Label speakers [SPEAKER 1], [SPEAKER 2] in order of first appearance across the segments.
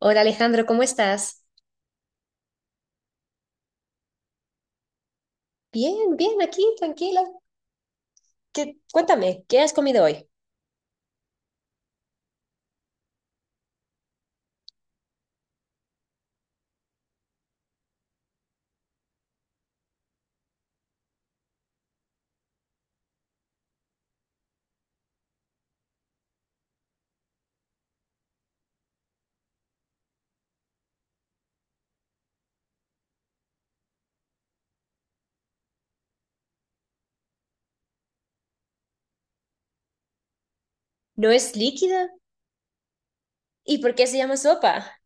[SPEAKER 1] Hola Alejandro, ¿cómo estás? Bien, bien, aquí, tranquila. ¿Qué has comido hoy? ¿No es líquida? ¿Y por qué se llama sopa?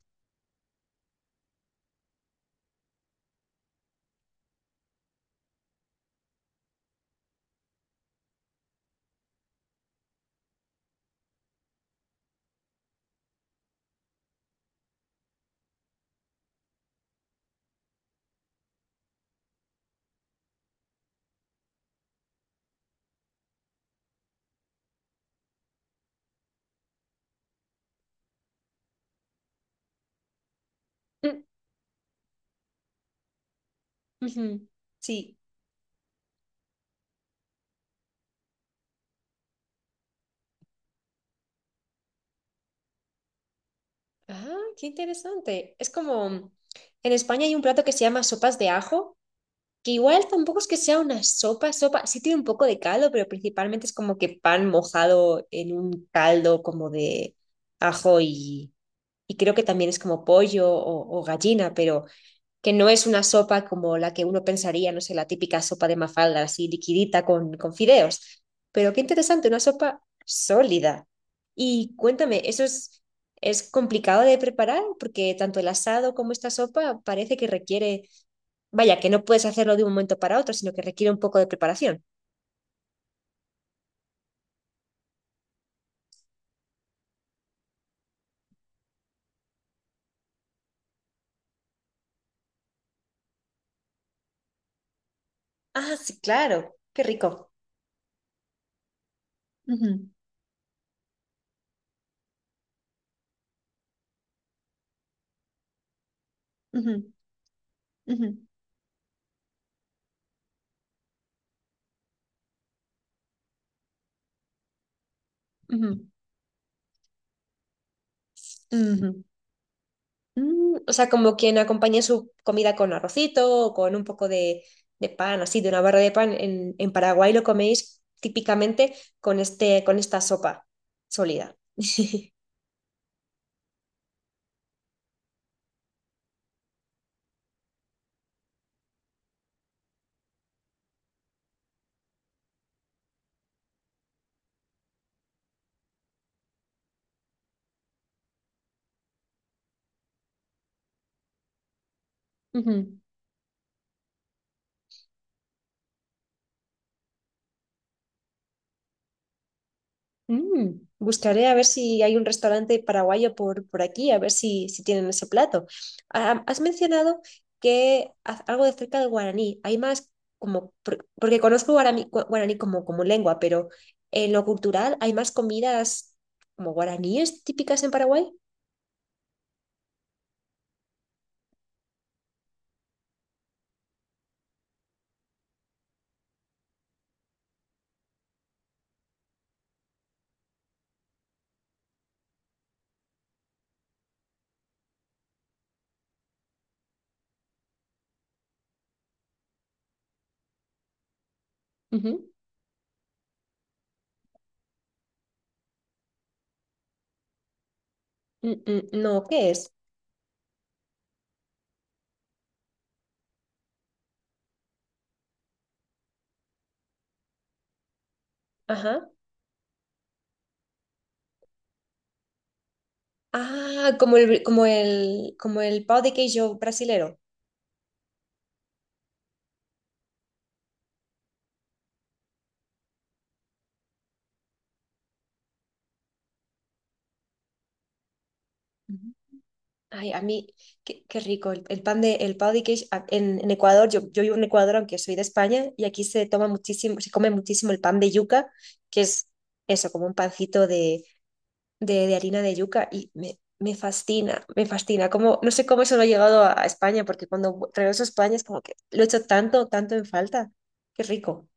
[SPEAKER 1] Mm, ujú. Sí. Ah, qué interesante. En España hay un plato que se llama sopas de ajo, que igual tampoco es que sea una sopa, sopa, sí tiene un poco de caldo, pero principalmente es como que pan mojado en un caldo como de ajo y creo que también es como pollo o gallina, pero que no es una sopa como la que uno pensaría, no sé, la típica sopa de mafalda, así liquidita con fideos. Pero qué interesante, una sopa sólida. Y cuéntame, ¿eso es complicado de preparar? Porque tanto el asado como esta sopa parece que requiere, vaya, que no puedes hacerlo de un momento para otro, sino que requiere un poco de preparación. Ah, sí, claro, qué rico. Ujú, ujú, ujú, ujú, ujú. Mm, o sea, como quien acompaña su comida con arrocito o con un poco de pan, así, de una barra de pan. En Paraguay lo coméis típicamente con este, con esta sopa sólida. Ujú. Mm, buscaré a ver si hay un restaurante paraguayo por aquí, a ver si, si tienen ese plato. Ah, has mencionado que algo de cerca del guaraní. Hay más como, porque conozco guaraní, guaraní como, como lengua, pero en lo cultural hay más comidas como guaraníes típicas en Paraguay. Ujú. Mm, mm, no, ¿qué es? Ajá. Ah, como el, como el, como el pão de queijo brasilero. Ay, a mí, qué, qué rico. El pan de, el pão de queijo en Ecuador, yo vivo en Ecuador, aunque soy de España, y aquí se toma muchísimo, se come muchísimo el pan de yuca, que es eso, como un pancito de harina de yuca, y me fascina, me fascina. Como, no sé cómo eso no ha llegado a España, porque cuando regreso a España es como que lo he hecho tanto, tanto en falta. Qué rico.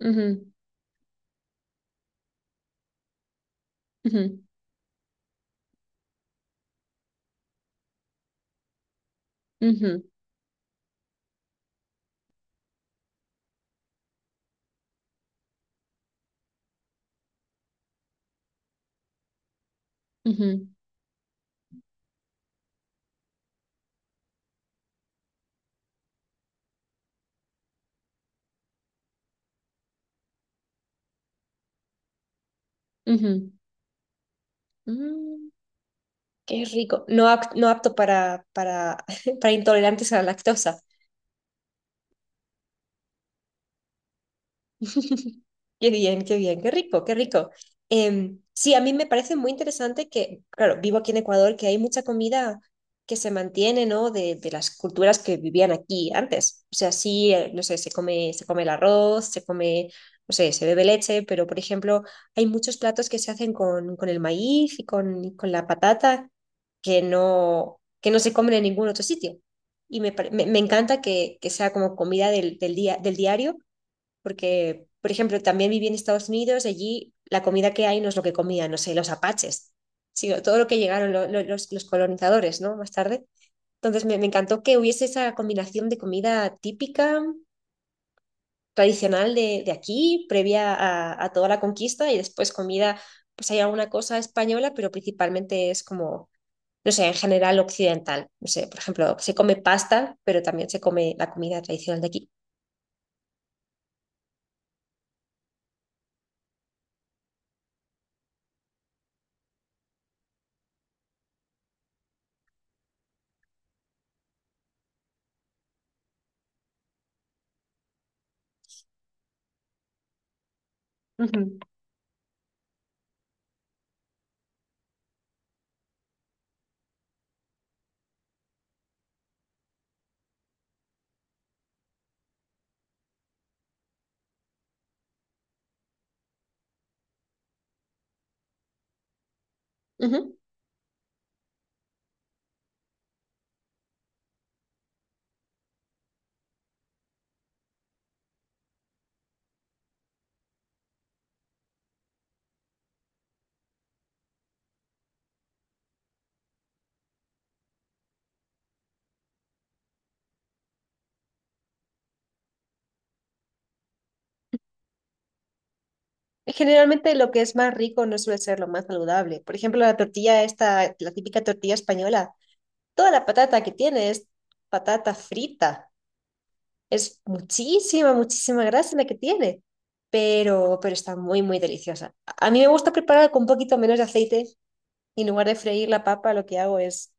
[SPEAKER 1] Ujú, ujú, ujú, ujú, ujú. Mm. Qué rico. No, no apto para, para intolerantes a la lactosa. Qué bien, qué bien, qué rico, qué rico. Sí, a mí me parece muy interesante que, claro, vivo aquí en Ecuador, que hay mucha comida que se mantiene, ¿no? De las culturas que vivían aquí antes. O sea, sí, no sé, se come el arroz, se come, no sé, se bebe leche, pero por ejemplo, hay muchos platos que se hacen con el maíz y con la patata que no se comen en ningún otro sitio. Y me, me, me encanta que sea como comida del, del día, del diario porque, por ejemplo, también viví en Estados Unidos, allí la comida que hay no es lo que comían, no sé, los apaches, sino todo lo que llegaron los colonizadores, ¿no? Más tarde. Entonces me encantó que hubiese esa combinación de comida típica, tradicional de aquí, previa a toda la conquista, y después comida, pues hay alguna cosa española, pero principalmente es como, no sé, en general occidental. No sé, por ejemplo, se come pasta, pero también se come la comida tradicional de aquí. Ujú, ujú. Generalmente lo que es más rico no suele ser lo más saludable. Por ejemplo, la tortilla esta, la típica tortilla española, toda la patata que tiene es patata frita. Es muchísima, muchísima grasa la que tiene, pero está muy, muy deliciosa. A mí me gusta preparar con un poquito menos de aceite y en lugar de freír la papa, lo que hago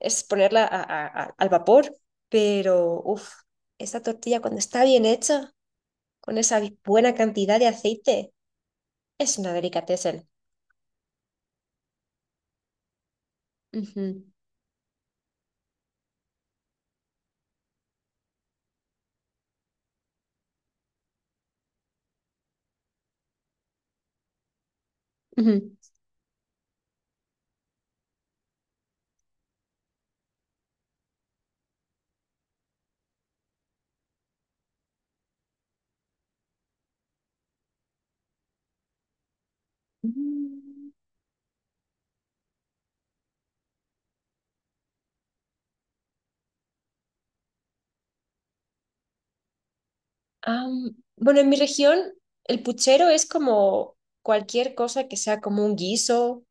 [SPEAKER 1] es ponerla al vapor, pero uff, esa tortilla cuando está bien hecha, con esa buena cantidad de aceite, es una delicatessen. Ujú. Ujú. Mm, am, bueno, en mi región el puchero es como cualquier cosa que sea como un guiso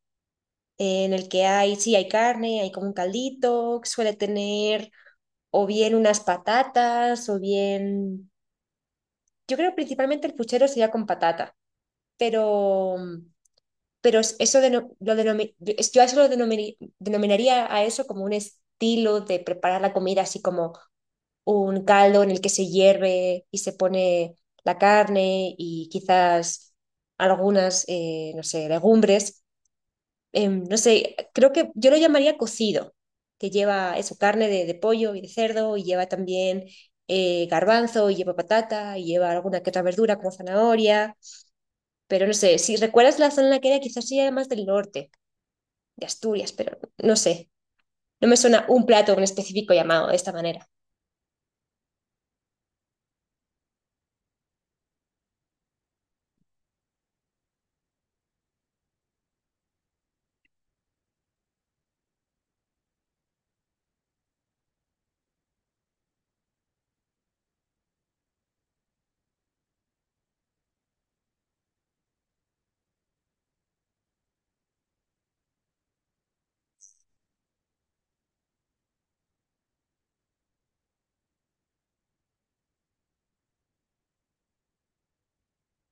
[SPEAKER 1] en el que hay, sí, hay carne, hay como un caldito, que suele tener o bien unas patatas o bien, yo creo principalmente el puchero sería con patata, pero, mm, pero eso lo yo yo a eso lo denominaría a eso como un estilo de preparar la comida así como un caldo en el que se hierve y se pone la carne y quizás algunas, no sé, legumbres. No sé, creo que yo lo llamaría cocido, que lleva eso, carne de pollo y de cerdo y lleva también garbanzo y lleva patata y lleva alguna que otra verdura como zanahoria. Pero no sé, si recuerdas la zona en la que era, quizás sí era más del norte, de Asturias, pero no sé. No me suena un plato en específico llamado de esta manera.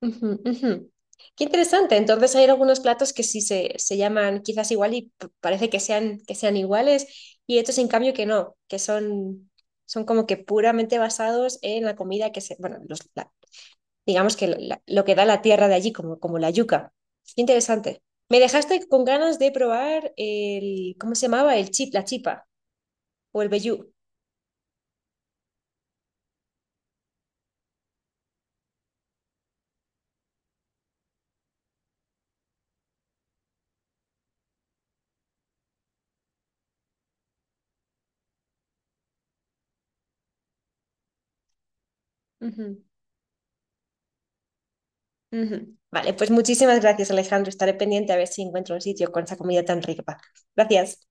[SPEAKER 1] Ujú, ujú. Qué interesante. Entonces hay algunos platos que sí se llaman quizás igual y parece que sean iguales y otros en cambio que no, que son, son como que puramente basados en la comida que se, bueno, digamos que lo que da la tierra de allí, como, como la yuca. Qué interesante. Me dejaste con ganas de probar el, ¿cómo se llamaba? El chip, la chipa o el vellú. Ujú, ujú. Vale, pues muchísimas gracias, Alejandro. Estaré pendiente a ver si encuentro un sitio con esa comida tan rica. Gracias.